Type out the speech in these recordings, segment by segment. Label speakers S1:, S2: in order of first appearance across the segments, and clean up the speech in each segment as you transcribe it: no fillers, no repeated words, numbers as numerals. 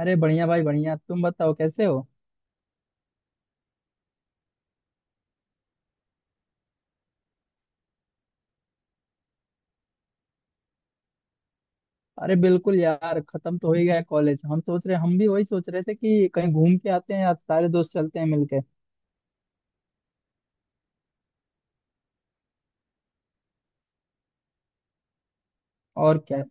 S1: अरे बढ़िया भाई बढ़िया। तुम बताओ कैसे हो? अरे बिल्कुल यार, खत्म तो हो ही गया कॉलेज। हम भी वही सोच रहे थे कि कहीं घूम के आते हैं यार, सारे दोस्त चलते हैं मिलके। और क्या?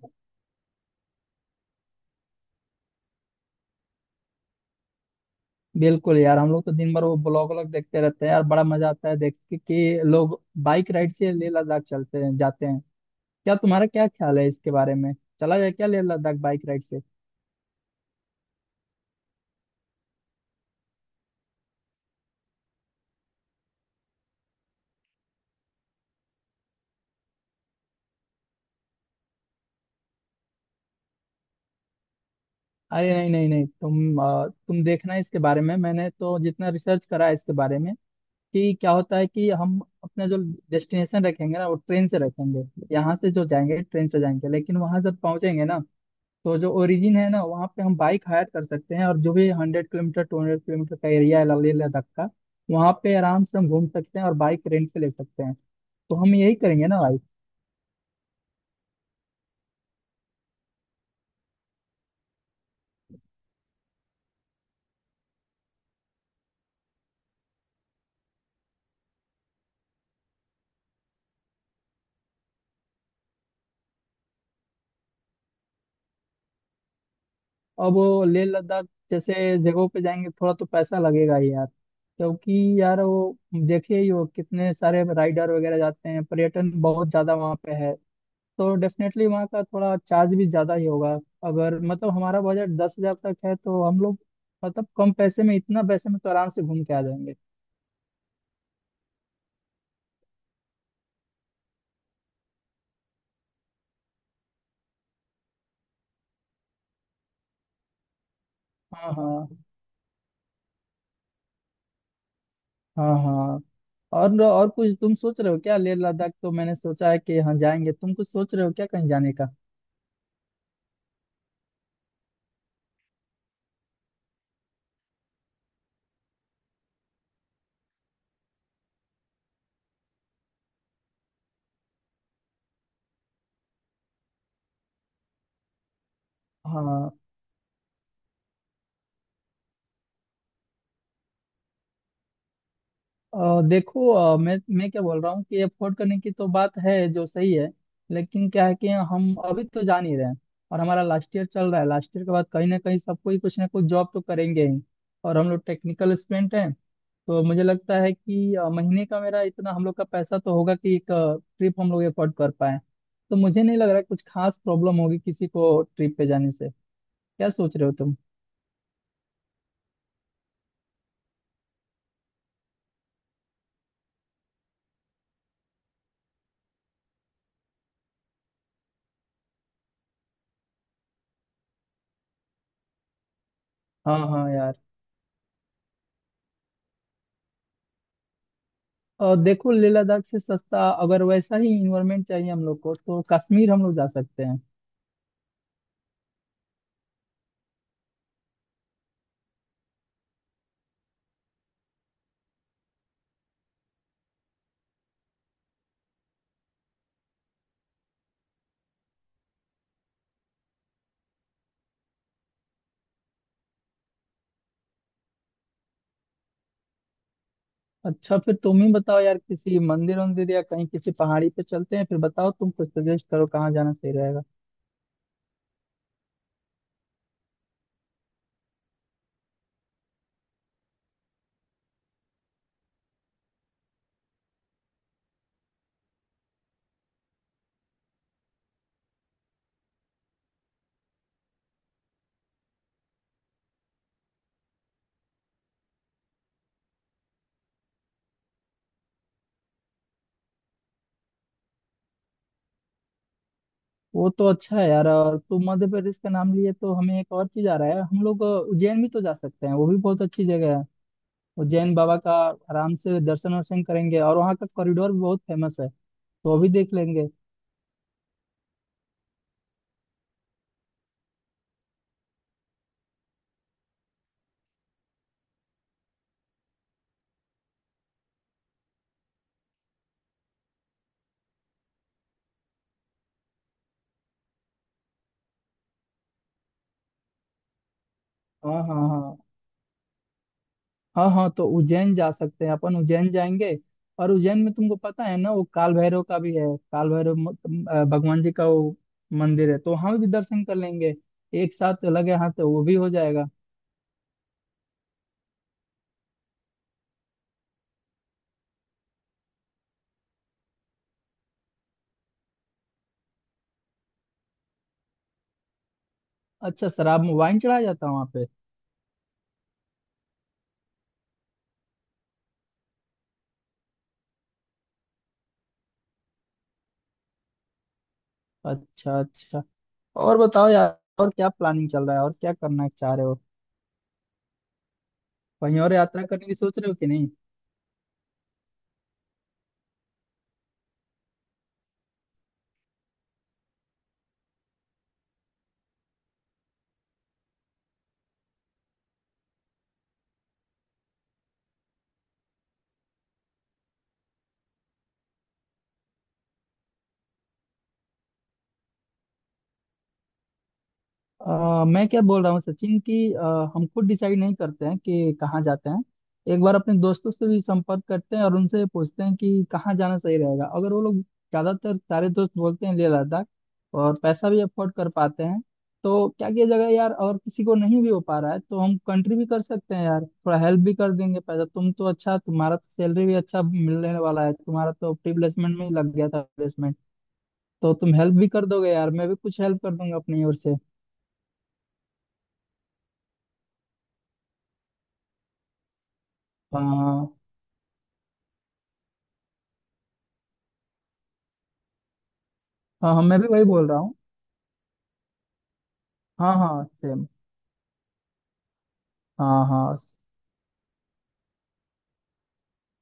S1: बिल्कुल यार, हम लोग तो दिन भर वो ब्लॉग व्लॉग देखते रहते हैं यार। बड़ा मजा आता है देख के कि लोग बाइक राइड से लेह लद्दाख चलते हैं, जाते हैं। क्या तुम्हारा क्या ख्याल है इसके बारे में? चला जाए क्या लेह लद्दाख बाइक राइड से? अरे नहीं नहीं नहीं, तुम देखना। इसके बारे में मैंने तो जितना रिसर्च करा है इसके बारे में, कि क्या होता है कि हम अपना जो डेस्टिनेशन रखेंगे ना, वो ट्रेन से रखेंगे। यहाँ से जो जाएंगे ट्रेन से जाएंगे, लेकिन वहां जब पहुंचेंगे ना, तो जो ओरिजिन है ना वहाँ पे हम बाइक हायर कर सकते हैं। और जो भी 100 किलोमीटर टू 200 किलोमीटर का एरिया है लेह लद्दाख का, वहाँ पे आराम से हम घूम सकते हैं और बाइक रेंट पे ले सकते हैं। तो हम यही करेंगे ना भाई। अब वो लेह लद्दाख जैसे जगहों पे जाएंगे, थोड़ा तो पैसा लगेगा ही यार। क्योंकि यार वो, देखिए ही वो कितने सारे राइडर वगैरह जाते हैं, पर्यटन बहुत ज्यादा वहाँ पे है। तो डेफिनेटली वहाँ का थोड़ा चार्ज भी ज़्यादा ही होगा। अगर मतलब हमारा बजट 10,000 तक है तो हम लोग, मतलब कम पैसे में, इतना पैसे में तो आराम से घूम के आ जाएंगे। हाँ हाँ। हाँ हाँ। और कुछ तुम सोच रहे हो क्या? लेह लद्दाख तो मैंने सोचा है कि हाँ जाएंगे, तुम कुछ सोच रहे हो क्या कहीं जाने का? हाँ। देखो, मैं क्या बोल रहा हूँ कि अफोर्ड करने की तो बात है, जो सही है। लेकिन क्या है कि हम अभी तो जान ही रहे हैं, और हमारा लास्ट ईयर चल रहा है। लास्ट ईयर के बाद कहीं ना कहीं सबको ही कुछ ना कुछ जॉब तो करेंगे ही। और हम लोग टेक्निकल स्टूडेंट हैं। तो मुझे लगता है कि महीने का मेरा इतना, हम लोग का पैसा तो होगा कि एक ट्रिप हम लोग अफोर्ड कर पाए। तो मुझे नहीं लग रहा है कुछ खास प्रॉब्लम होगी किसी को ट्रिप पे जाने से। क्या सोच रहे हो तुम? हाँ हाँ यार। और देखो, लेह लद्दाख से सस्ता अगर वैसा ही इन्वायरमेंट चाहिए हम लोग को, तो कश्मीर हम लोग जा सकते हैं। अच्छा फिर तुम ही बताओ यार, किसी मंदिर वंदिर या कहीं किसी पहाड़ी पे चलते हैं, फिर बताओ तुम, कुछ सजेस्ट करो कहाँ जाना सही रहेगा। वो तो अच्छा है यार। और तुम मध्य प्रदेश का नाम लिए तो हमें एक और चीज आ रहा है, हम लोग उज्जैन भी तो जा सकते हैं, वो भी बहुत अच्छी जगह है। उज्जैन बाबा का आराम से दर्शन वर्शन करेंगे, और वहाँ का कॉरिडोर भी बहुत फेमस है, तो वो भी देख लेंगे। हाँ हाँ हाँ, हाँ हाँ। तो उज्जैन जा सकते हैं अपन, उज्जैन जाएंगे। और उज्जैन में तुमको पता है ना, वो काल भैरव का भी है। काल भैरव तुम, भगवान जी का वो मंदिर है, तो वहाँ भी दर्शन कर लेंगे। एक साथ लगे हाथ तो वो भी हो जाएगा। अच्छा, शराब में वाइन चढ़ाया जाता है वहाँ पे? अच्छा अच्छा। और बताओ यार, और क्या प्लानिंग चल रहा है, और क्या करना चाह रहे हो? कहीं और यात्रा करने की सोच रहे हो कि नहीं? मैं क्या बोल रहा हूँ सचिन, कि हम खुद डिसाइड नहीं करते हैं कि कहाँ जाते हैं। एक बार अपने दोस्तों से भी संपर्क करते हैं और उनसे पूछते हैं कि कहाँ जाना सही रहेगा। अगर वो लोग, ज्यादातर सारे दोस्त बोलते हैं लेह लद्दाख, और पैसा भी अफोर्ड कर पाते हैं, तो क्या किया जाएगा यार? अगर किसी को नहीं भी हो पा रहा है, तो हम कंट्री भी कर सकते हैं यार, थोड़ा हेल्प भी कर देंगे पैसा। तुम तो अच्छा, तुम्हारा तो सैलरी भी अच्छा मिलने वाला है, तुम्हारा तो प्री प्लेसमेंट में ही लग गया था प्लेसमेंट। तो तुम हेल्प भी कर दोगे यार, मैं भी कुछ हेल्प कर दूंगा अपनी ओर से। हाँ हाँ हाँ। मैं भी वही बोल रहा हूँ। हाँ हाँ सेम। हाँ हाँ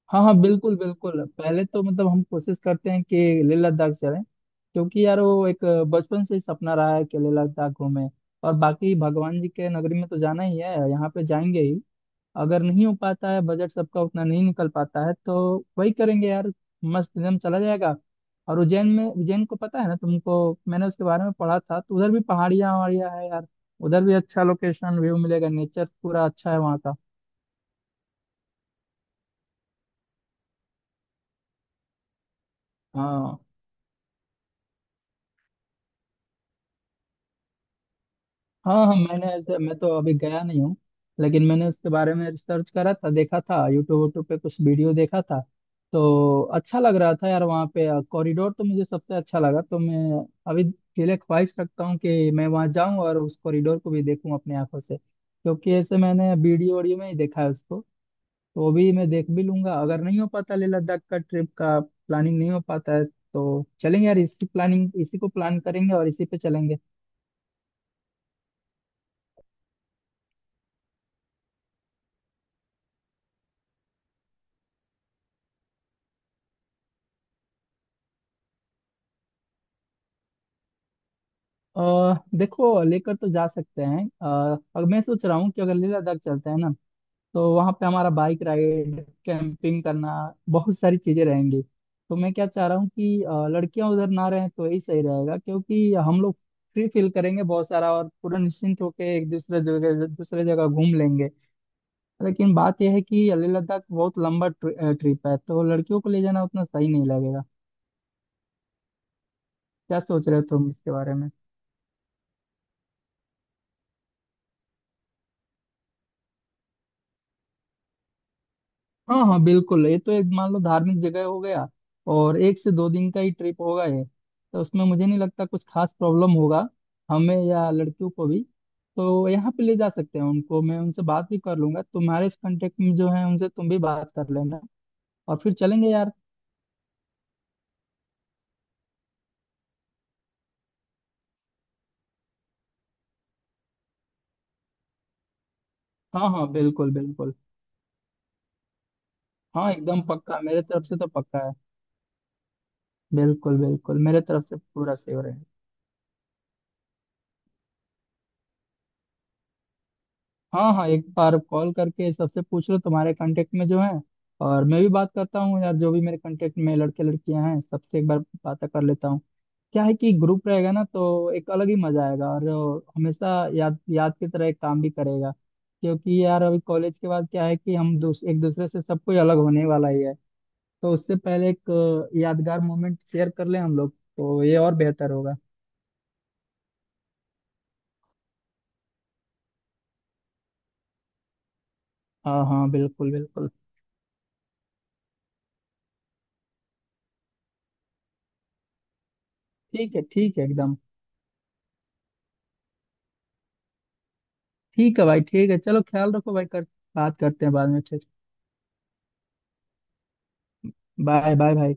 S1: हाँ हाँ, बिल्कुल बिल्कुल, पहले तो मतलब हम कोशिश करते हैं कि लेह लद्दाख चलें, क्योंकि यार वो एक बचपन से ही सपना रहा है कि लेह लद्दाख घूमें। और बाकी भगवान जी के नगरी में तो जाना ही है, यहाँ पे जाएंगे ही। अगर नहीं हो पाता है, बजट सबका उतना नहीं निकल पाता है, तो वही करेंगे यार, मस्त एकदम चला जाएगा। और उज्जैन में, उज्जैन को पता है ना तुमको, मैंने उसके बारे में पढ़ा था, तो उधर भी पहाड़ियाँ वहाड़ियाँ है यार। उधर भी अच्छा लोकेशन व्यू मिलेगा, नेचर पूरा अच्छा है वहाँ का। हाँ हाँ हाँ। मैं तो अभी गया नहीं हूँ, लेकिन मैंने उसके बारे में रिसर्च करा था, देखा था यूट्यूब वूट्यूब पे कुछ वीडियो देखा था। तो अच्छा लग रहा था यार, वहाँ पे कॉरिडोर तो मुझे सबसे अच्छा लगा। तो मैं अभी दिले ख्वाहिश रखता हूँ कि मैं वहाँ जाऊँ और उस कॉरिडोर को भी देखूँ अपनी आंखों से, क्योंकि ऐसे मैंने वीडियो वीडियो में ही देखा है उसको। तो वो भी मैं देख भी लूंगा। अगर नहीं हो पाता, लेह लद्दाख का ट्रिप का प्लानिंग नहीं हो पाता है, तो चलेंगे यार इसी प्लानिंग, इसी को प्लान करेंगे और इसी पे चलेंगे। देखो, लेकर तो जा सकते हैं। और मैं सोच रहा हूँ कि अगर लेह लद्दाख चलते हैं ना, तो वहाँ पे हमारा बाइक राइड, कैंपिंग करना, बहुत सारी चीजें रहेंगी। तो मैं क्या चाह रहा हूँ कि लड़कियां उधर ना रहें तो यही सही रहेगा, क्योंकि हम लोग फ्री फील करेंगे बहुत सारा, और पूरा निश्चिंत होकर एक दूसरे जगह घूम लेंगे। लेकिन बात यह है कि लेह लद्दाख बहुत लंबा ट्रिप है, तो लड़कियों को ले जाना उतना सही नहीं लगेगा। क्या सोच रहे हो तुम इसके बारे में? हाँ हाँ बिल्कुल, ये तो एक मान लो धार्मिक जगह हो गया, और 1 से 2 दिन का ही ट्रिप होगा ये, तो उसमें मुझे नहीं लगता कुछ खास प्रॉब्लम होगा हमें या लड़कियों को भी। तो यहाँ पे ले जा सकते हैं उनको, मैं उनसे बात भी कर लूंगा, तुम्हारे इस कांटेक्ट में जो है उनसे तुम भी बात कर लेना, और फिर चलेंगे यार। हाँ हाँ बिल्कुल बिल्कुल। हाँ एकदम पक्का, मेरे तरफ से तो पक्का है। बिल्कुल बिल्कुल, मेरे तरफ से पूरा सेवर है। हाँ हाँ, एक बार कॉल करके सबसे पूछ लो, तुम्हारे कांटेक्ट में जो है। और मैं भी बात करता हूँ यार, जो भी मेरे कांटेक्ट में लड़के लड़कियां हैं, सबसे एक बार बात कर लेता हूँ। क्या है कि ग्रुप रहेगा ना, तो एक अलग ही मजा आएगा। और हमेशा याद याद की तरह एक काम भी करेगा। क्योंकि यार अभी कॉलेज के बाद क्या है, कि हम एक दूसरे से सब कोई अलग होने वाला ही है। तो उससे पहले एक यादगार मोमेंट शेयर कर लें हम लोग, तो ये और बेहतर होगा। हाँ हाँ बिल्कुल बिल्कुल। ठीक है एकदम। ठीक है भाई ठीक है, चलो ख्याल रखो भाई कर, बात करते हैं बाद में फिर। बाय बाय भाई।